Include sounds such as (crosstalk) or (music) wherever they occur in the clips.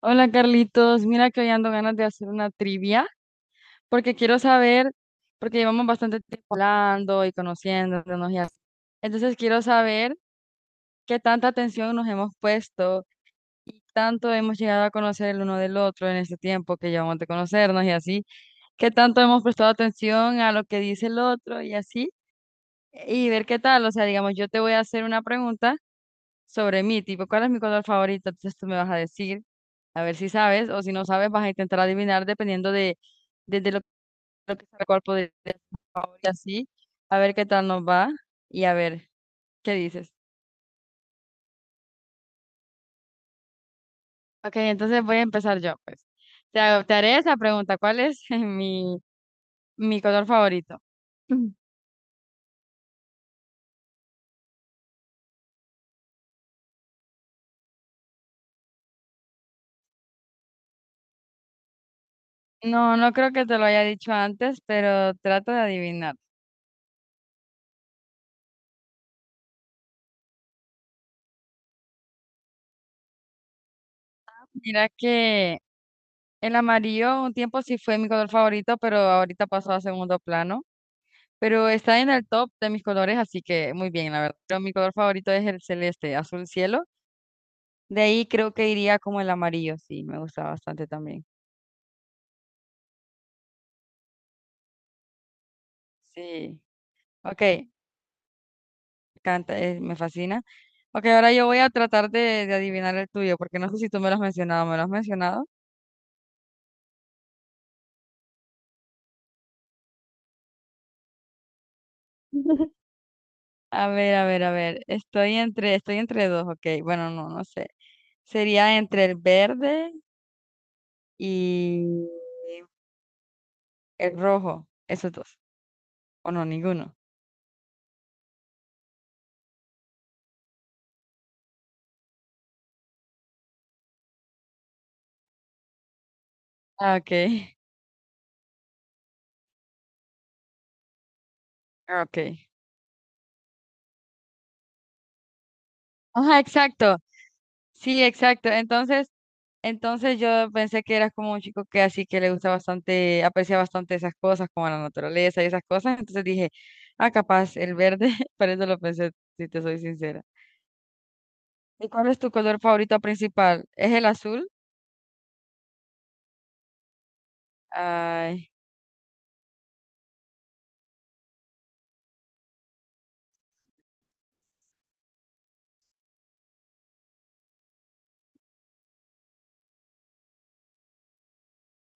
Hola Carlitos, mira que hoy ando ganas de hacer una trivia porque quiero saber, porque llevamos bastante tiempo hablando y conociéndonos y así. Entonces quiero saber qué tanta atención nos hemos puesto y tanto hemos llegado a conocer el uno del otro en este tiempo que llevamos de conocernos y así, qué tanto hemos prestado atención a lo que dice el otro y así, y ver qué tal. O sea, digamos, yo te voy a hacer una pregunta sobre mí, tipo, ¿cuál es mi color favorito? Entonces tú me vas a decir, a ver si sabes, o si no sabes, vas a intentar adivinar dependiendo de lo que sabe el cuerpo y así, a ver qué tal nos va y a ver qué dices. Ok, entonces voy a empezar yo, pues. Te haré esa pregunta, ¿cuál es (laughs) mi color favorito? Mm. No, no creo que te lo haya dicho antes, pero trato de adivinar. Mira que el amarillo un tiempo sí fue mi color favorito, pero ahorita pasó a segundo plano. Pero está en el top de mis colores, así que muy bien, la verdad. Pero mi color favorito es el celeste, azul cielo. De ahí creo que iría como el amarillo, sí, me gusta bastante también. Sí, ok, canta, me fascina. Ok, ahora yo voy a tratar de adivinar el tuyo, porque no sé si tú me lo has mencionado, ¿me lo has mencionado? (laughs) A ver, a ver, a ver, estoy entre dos, ok, bueno, no, no sé. Sería entre el verde y el rojo, esos dos, o no, ninguno. Ah, ok, (laughs) ok. Ajá, exacto. Sí, exacto. Entonces, entonces yo pensé que eras como un chico que así que le gusta bastante, aprecia bastante esas cosas, como la naturaleza y esas cosas. Entonces dije, ah, capaz, el verde, (laughs) por eso lo pensé, si te soy sincera. ¿Y cuál es tu color favorito principal? ¿Es el azul? Ay,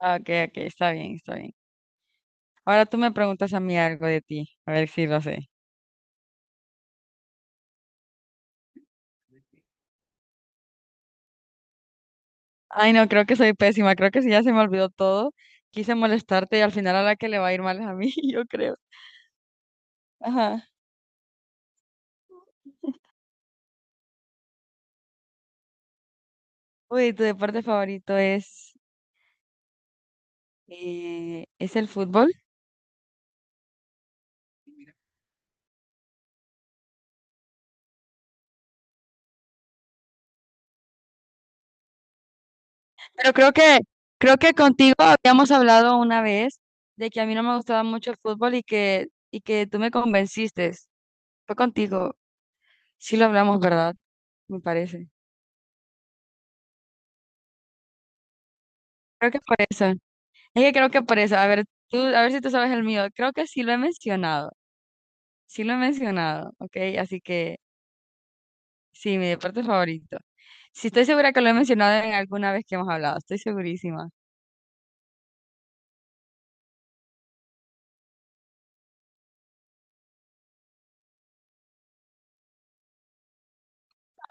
ah, ok, ok, está bien, está bien. Ahora tú me preguntas a mí algo de ti, a ver si lo sé. Ay, no, creo que soy pésima, creo que sí, ya se me olvidó todo. Quise molestarte y al final a la que le va a ir mal es a mí, (laughs) yo creo. Ajá. Uy, tu deporte favorito es el fútbol. Pero creo creo que contigo habíamos hablado una vez de que a mí no me gustaba mucho el fútbol y que tú me convenciste. Fue contigo. Sí lo hablamos, ¿verdad? Me parece. Creo que por eso. Es que creo que por eso. A ver, tú, a ver si tú sabes el mío. Creo que sí lo he mencionado. Sí lo he mencionado, ¿ok? Así que sí, mi deporte favorito. Sí, estoy segura que lo he mencionado en alguna vez que hemos hablado. Estoy segurísima.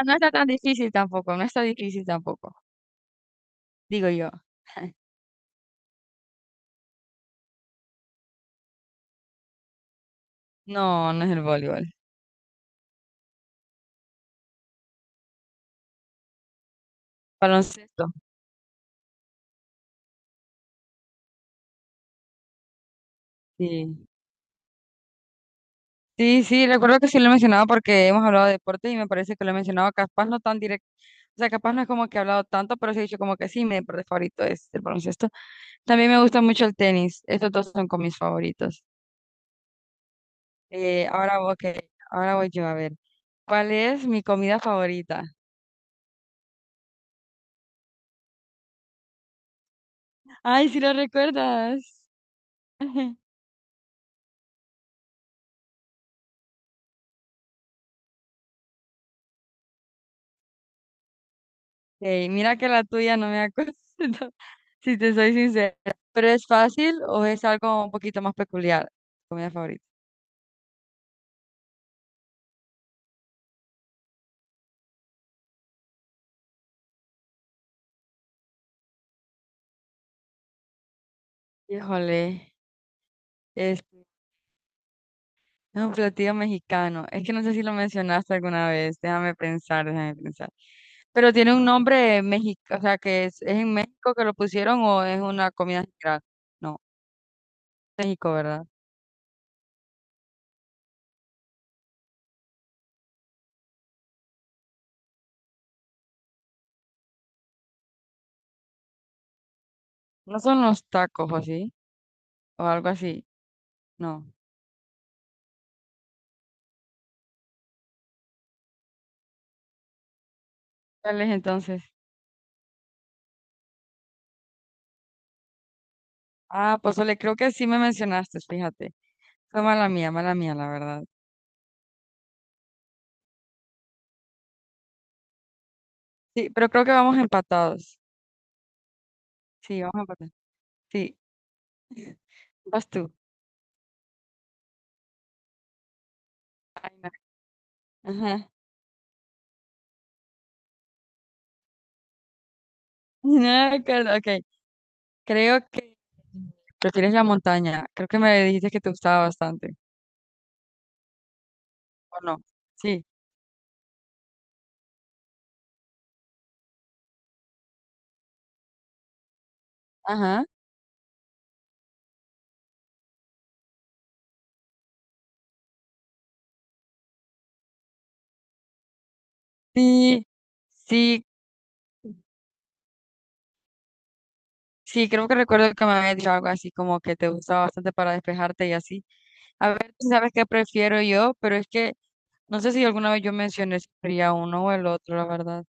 No está tan difícil tampoco, no está difícil tampoco, digo yo. (laughs) No, no es el voleibol. Baloncesto. Sí. Sí, sí, recuerdo que sí lo he mencionado porque hemos hablado de deporte y me parece que lo he mencionado capaz no tan directo. O sea, capaz no es como que he hablado tanto, pero sí he dicho como que sí, mi deporte favorito es el baloncesto. También me gusta mucho el tenis. Estos dos son con mis favoritos. Ahora voy yo a ver. ¿Cuál es mi comida favorita? Ay, si lo recuerdas. (laughs) Ey, mira que la tuya no me acuerdo, (laughs) si te soy sincera. ¿Pero es fácil o es algo un poquito más peculiar? Comida favorita. Híjole, este, es un platillo mexicano. Es que no sé si lo mencionaste alguna vez. Déjame pensar, déjame pensar. Pero tiene un nombre mexicano, o sea, que es en México que lo pusieron o es una comida general. No, México, ¿verdad? No son los tacos o así, o algo así. No. ¿Cuál es entonces? Ah, pozole, creo que sí me mencionaste, fíjate. Fue mala mía, la verdad. Sí, pero creo que vamos empatados. Sí, vamos empatados. Sí, vas tú. Ajá. (laughs) No, claro acuerdo, ok. Creo que prefieres la montaña. Creo que me dijiste que te gustaba bastante. ¿O no? Sí. Ajá. Sí, sí, sí, creo que recuerdo que me habías dicho algo así como que te gustaba bastante para despejarte y así. A ver, tú sabes qué prefiero yo, pero es que no sé si alguna vez yo mencioné si sería uno o el otro, la verdad.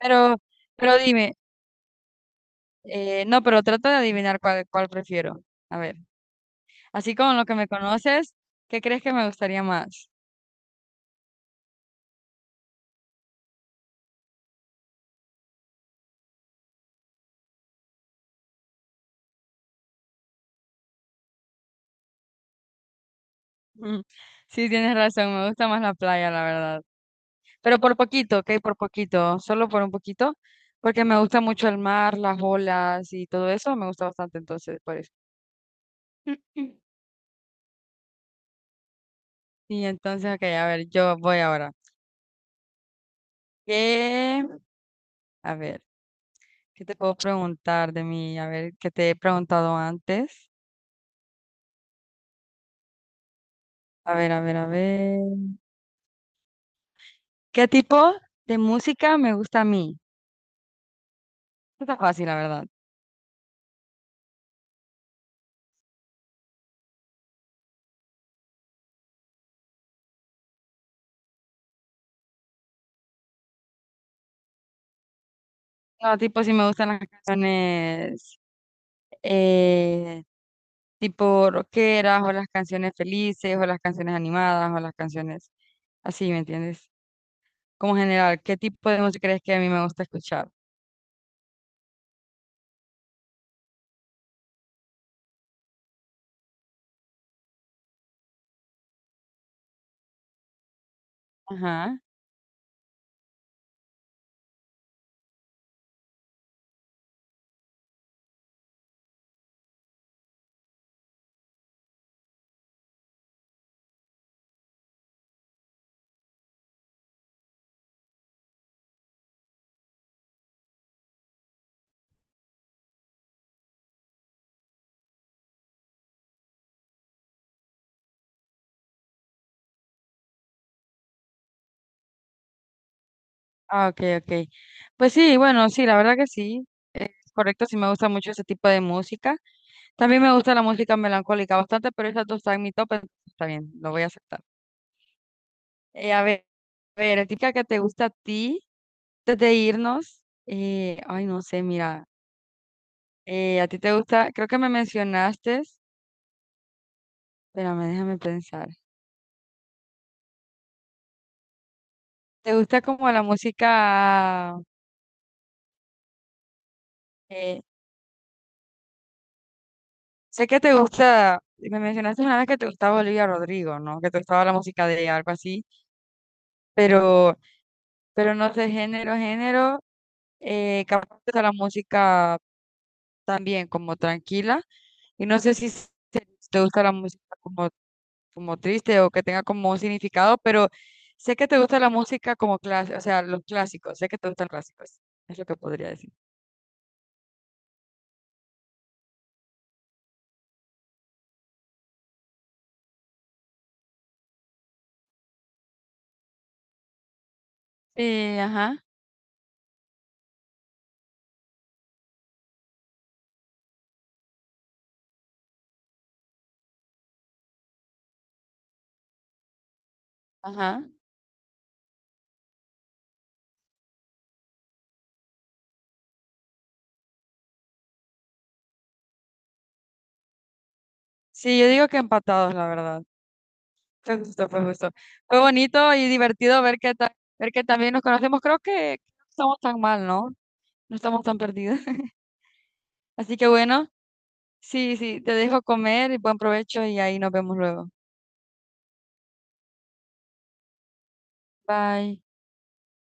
Pero, pero dime. No, pero trata de adivinar cuál prefiero. A ver, así como lo que me conoces, ¿qué crees que me gustaría más? Mm, sí, tienes razón, me gusta más la playa, la verdad. Pero por poquito, ok, por poquito, solo por un poquito, porque me gusta mucho el mar, las olas y todo eso, me gusta bastante, entonces, por eso. Y entonces, ok, a ver, yo voy ahora. ¿Qué? A ver, ¿qué te puedo preguntar de mí? A ver, ¿qué te he preguntado antes? A ver, a ver, a ver. ¿Qué tipo de música me gusta a mí? Esto Está fácil, la verdad. No, tipo, si me gustan las canciones eh, tipo rockeras, o las canciones felices, o las canciones animadas, o las canciones así, ¿me entiendes? Como general, ¿qué tipo de música crees que a mí me gusta escuchar? Ajá. Ah, ok, ok. Pues sí, bueno, sí, la verdad que sí. Es correcto, sí me gusta mucho ese tipo de música. También me gusta la música melancólica bastante, pero esas dos están en mi top, entonces está bien, lo voy a aceptar. Eh, a ver, a ver, típica que te gusta a ti, antes de irnos, ay, no sé, mira, a ti te gusta, creo que me mencionaste, espérame, déjame pensar, te gusta como la música, eh, sé que te gusta, me mencionaste una vez que te gustaba Olivia Rodrigo, ¿no? Que te gustaba la música de ella, algo así, pero, pero no sé, género, género, capaz te gusta la música también como tranquila, y no sé si se- te gusta la música como como triste o que tenga como un significado, pero sé que te gusta la música como clásica, o sea, los clásicos, sé que te gustan los clásicos, es lo que podría decir. Sí, ajá, ajá. Sí, yo digo que empatados, la verdad. Fue justo, fue justo. Fue bonito y divertido ver ver que también nos conocemos. Creo que no estamos tan mal, ¿no? No estamos tan perdidos. (laughs) Así que bueno, sí, sí, te dejo comer y buen provecho y ahí nos vemos luego. Bye.